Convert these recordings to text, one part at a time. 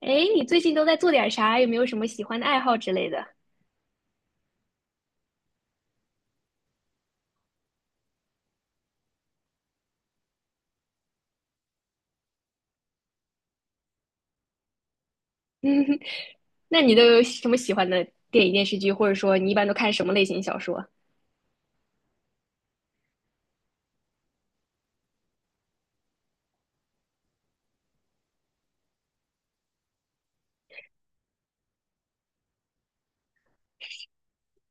哎，你最近都在做点啥？有没有什么喜欢的爱好之类的？那你都有什么喜欢的电影、电视剧，或者说你一般都看什么类型小说？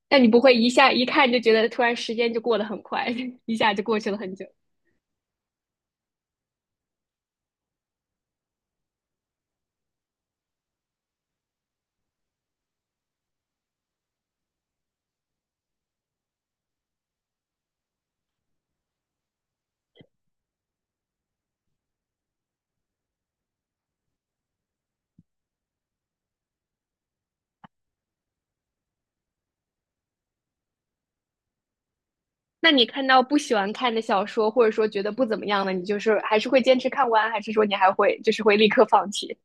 但你不会一下一看就觉得突然时间就过得很快，一下就过去了很久。那你看到不喜欢看的小说，或者说觉得不怎么样的，你就是还是会坚持看完，还是说你还会就是会立刻放弃？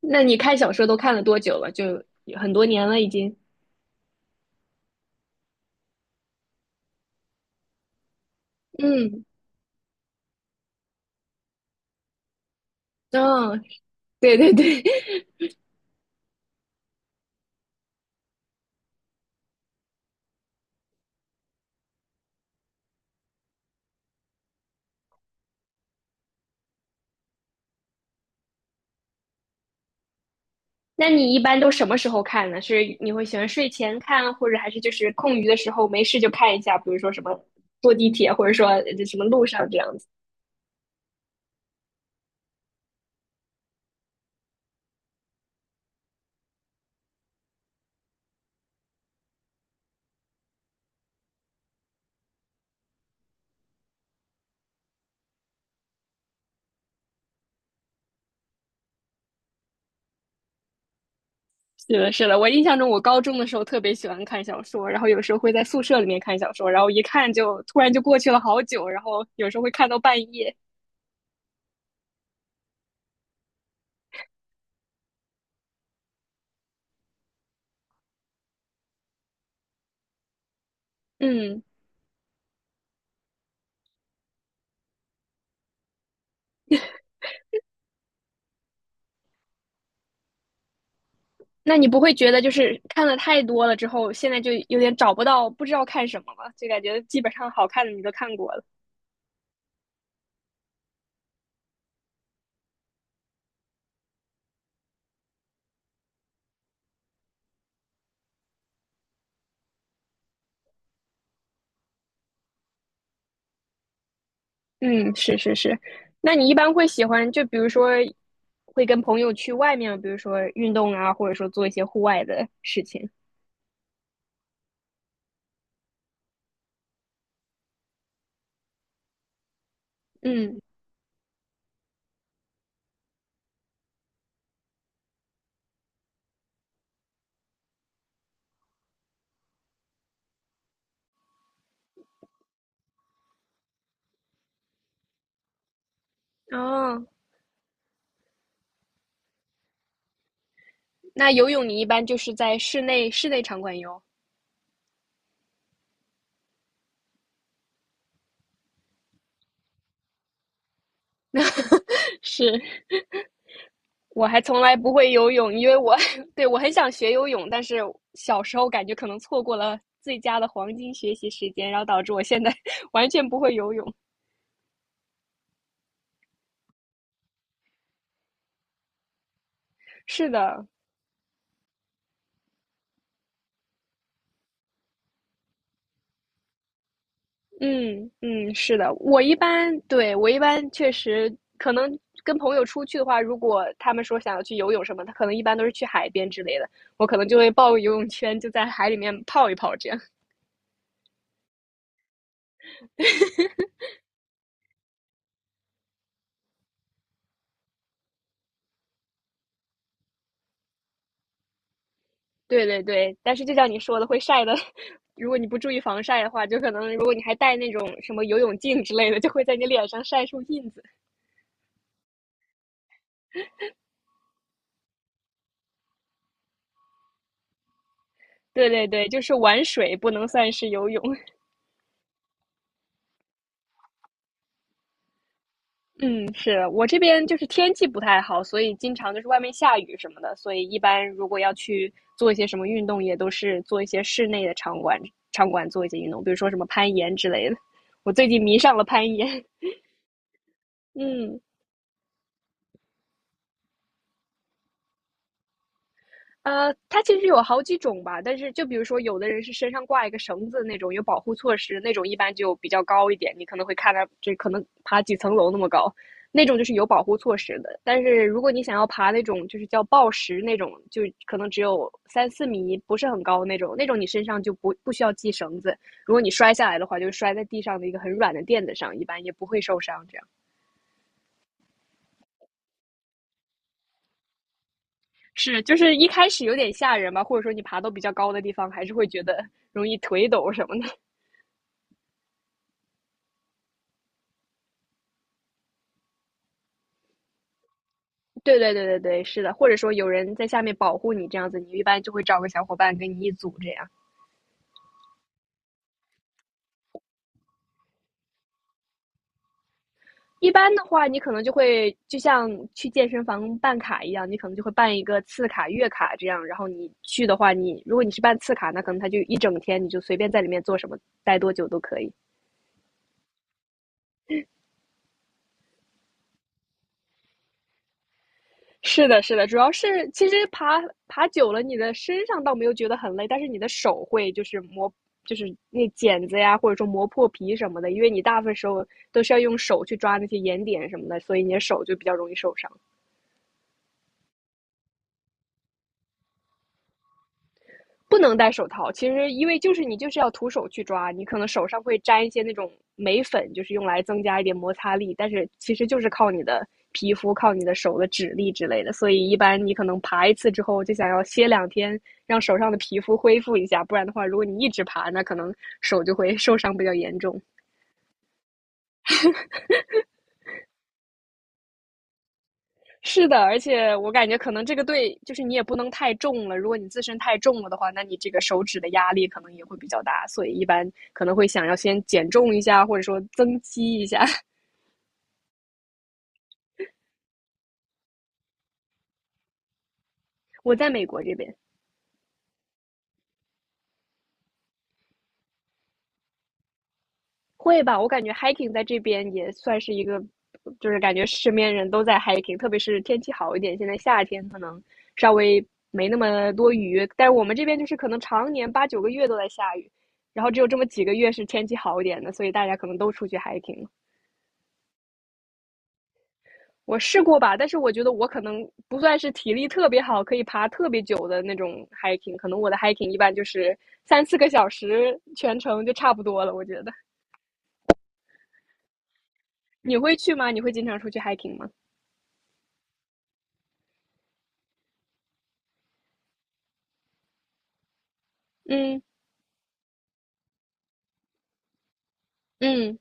那你看小说都看了多久了？就很多年了已经。嗯，嗯、对对对，那你一般都什么时候看呢？是你会喜欢睡前看，或者还是就是空余的时候没事就看一下？比如说什么坐地铁，或者说什么路上这样子。是的，是的，我印象中我高中的时候特别喜欢看小说，然后有时候会在宿舍里面看小说，然后一看就突然就过去了好久，然后有时候会看到半夜。嗯，那你不会觉得就是看了太多了之后，现在就有点找不到不知道看什么了，就感觉基本上好看的你都看过了。嗯，是是是。那你一般会喜欢，就比如说，会跟朋友去外面，比如说运动啊，或者说做一些户外的事情。嗯，哦，那游泳你一般就是在室内室内场馆游。是，我还从来不会游泳，因为我 对我很想学游泳，但是小时候感觉可能错过了最佳的黄金学习时间，然后导致我现在 完全不会游泳。是的，嗯嗯，是的，我一般对，我一般确实可能跟朋友出去的话，如果他们说想要去游泳什么，他可能一般都是去海边之类的，我可能就会抱个游泳圈，就在海里面泡一泡这样。对对对，但是就像你说的，会晒的，如果你不注意防晒的话，就可能如果你还戴那种什么游泳镜之类的，就会在你脸上晒出印子。对对对，就是玩水不能算是游泳。嗯，是，我这边就是天气不太好，所以经常就是外面下雨什么的，所以一般如果要去做一些什么运动，也都是做一些室内的场馆，场馆做一些运动，比如说什么攀岩之类的。我最近迷上了攀岩，嗯。它其实有好几种吧，但是就比如说，有的人是身上挂一个绳子那种，有保护措施那种，一般就比较高一点，你可能会看它，这可能爬几层楼那么高，那种就是有保护措施的。但是如果你想要爬那种就是叫抱石那种，就可能只有三四米，不是很高那种，那种你身上就不需要系绳子，如果你摔下来的话，就摔在地上的一个很软的垫子上，一般也不会受伤。这样是，就是一开始有点吓人吧，或者说你爬到比较高的地方，还是会觉得容易腿抖什么的。对对对对对，是的，或者说有人在下面保护你这样子，你一般就会找个小伙伴跟你一组这样。一般的话，你可能就会就像去健身房办卡一样，你可能就会办一个次卡、月卡这样。然后你去的话，你如果你是办次卡，那可能他就一整天，你就随便在里面做什么，待多久都可以。是的，是的，主要是其实爬久了，你的身上倒没有觉得很累，但是你的手会就是磨，就是那剪子呀，或者说磨破皮什么的，因为你大部分时候都是要用手去抓那些岩点什么的，所以你的手就比较容易受伤。不能戴手套，其实因为就是你就是要徒手去抓，你可能手上会沾一些那种眉粉，就是用来增加一点摩擦力，但是其实就是靠你的皮肤、靠你的手的指力之类的。所以一般你可能爬一次之后就想要歇两天，让手上的皮肤恢复一下，不然的话，如果你一直爬，那可能手就会受伤比较严重。是的，而且我感觉可能这个对就是你也不能太重了，如果你自身太重了的话，那你这个手指的压力可能也会比较大，所以一般可能会想要先减重一下，或者说增肌一下。我在美国这边会吧，我感觉 hiking 在这边也算是一个，就是感觉身边人都在 hiking，特别是天气好一点，现在夏天可能稍微没那么多雨，但是我们这边就是可能常年八九个月都在下雨，然后只有这么几个月是天气好一点的，所以大家可能都出去 hiking。 我试过吧，但是我觉得我可能不算是体力特别好，可以爬特别久的那种 hiking，可能我的 hiking 一般就是三四个小时全程就差不多了。我觉得你会去吗？你会经常出去 hiking 吗？嗯嗯，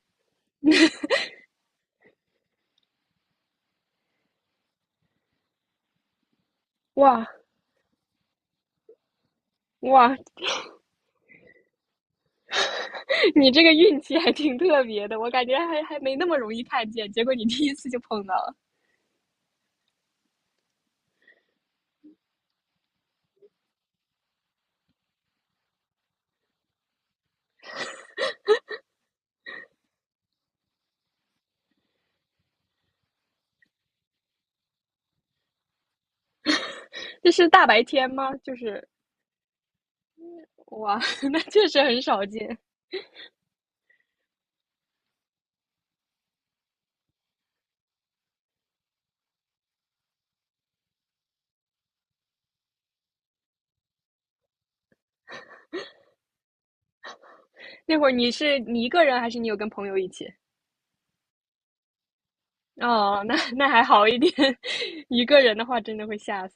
哇哇，你这个运气还挺特别的，我感觉还没那么容易看见，结果你第一次就碰到了。这是大白天吗？就是哇，那确实很少见。那会儿你是你一个人还是你有跟朋友一起？哦，那那还好一点，一个人的话真的会吓死。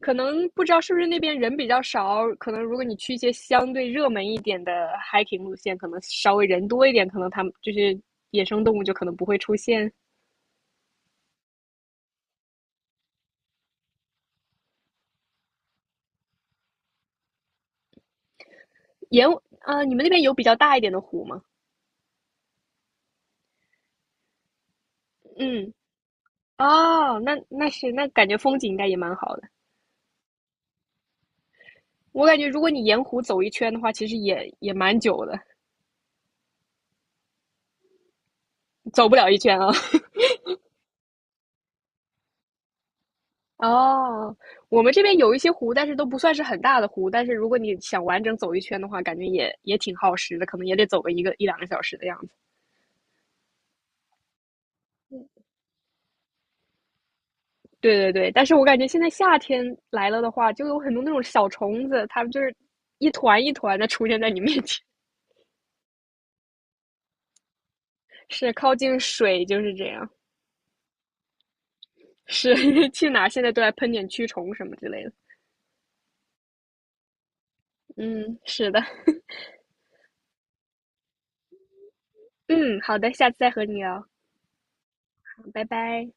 可能不知道是不是那边人比较少，可能如果你去一些相对热门一点的 hiking 路线，可能稍微人多一点，可能他们就是野生动物就可能不会出现。沿你们那边有比较大一点的湖吗？嗯，哦，那那是那感觉风景应该也蛮好的。我感觉如果你沿湖走一圈的话，其实也也蛮久的，走不了一圈啊。哦，我们这边有一些湖，但是都不算是很大的湖。但是如果你想完整走一圈的话，感觉也也挺耗时的，可能也得走个一个一两个小时的样子。对对对，但是我感觉现在夏天来了的话，就有很多那种小虫子，它们就是一团一团的出现在你面前，是靠近水就是这样，是 去哪儿现在都来喷点驱虫什么之类的。嗯，是的，嗯，好的，下次再和你聊，拜拜。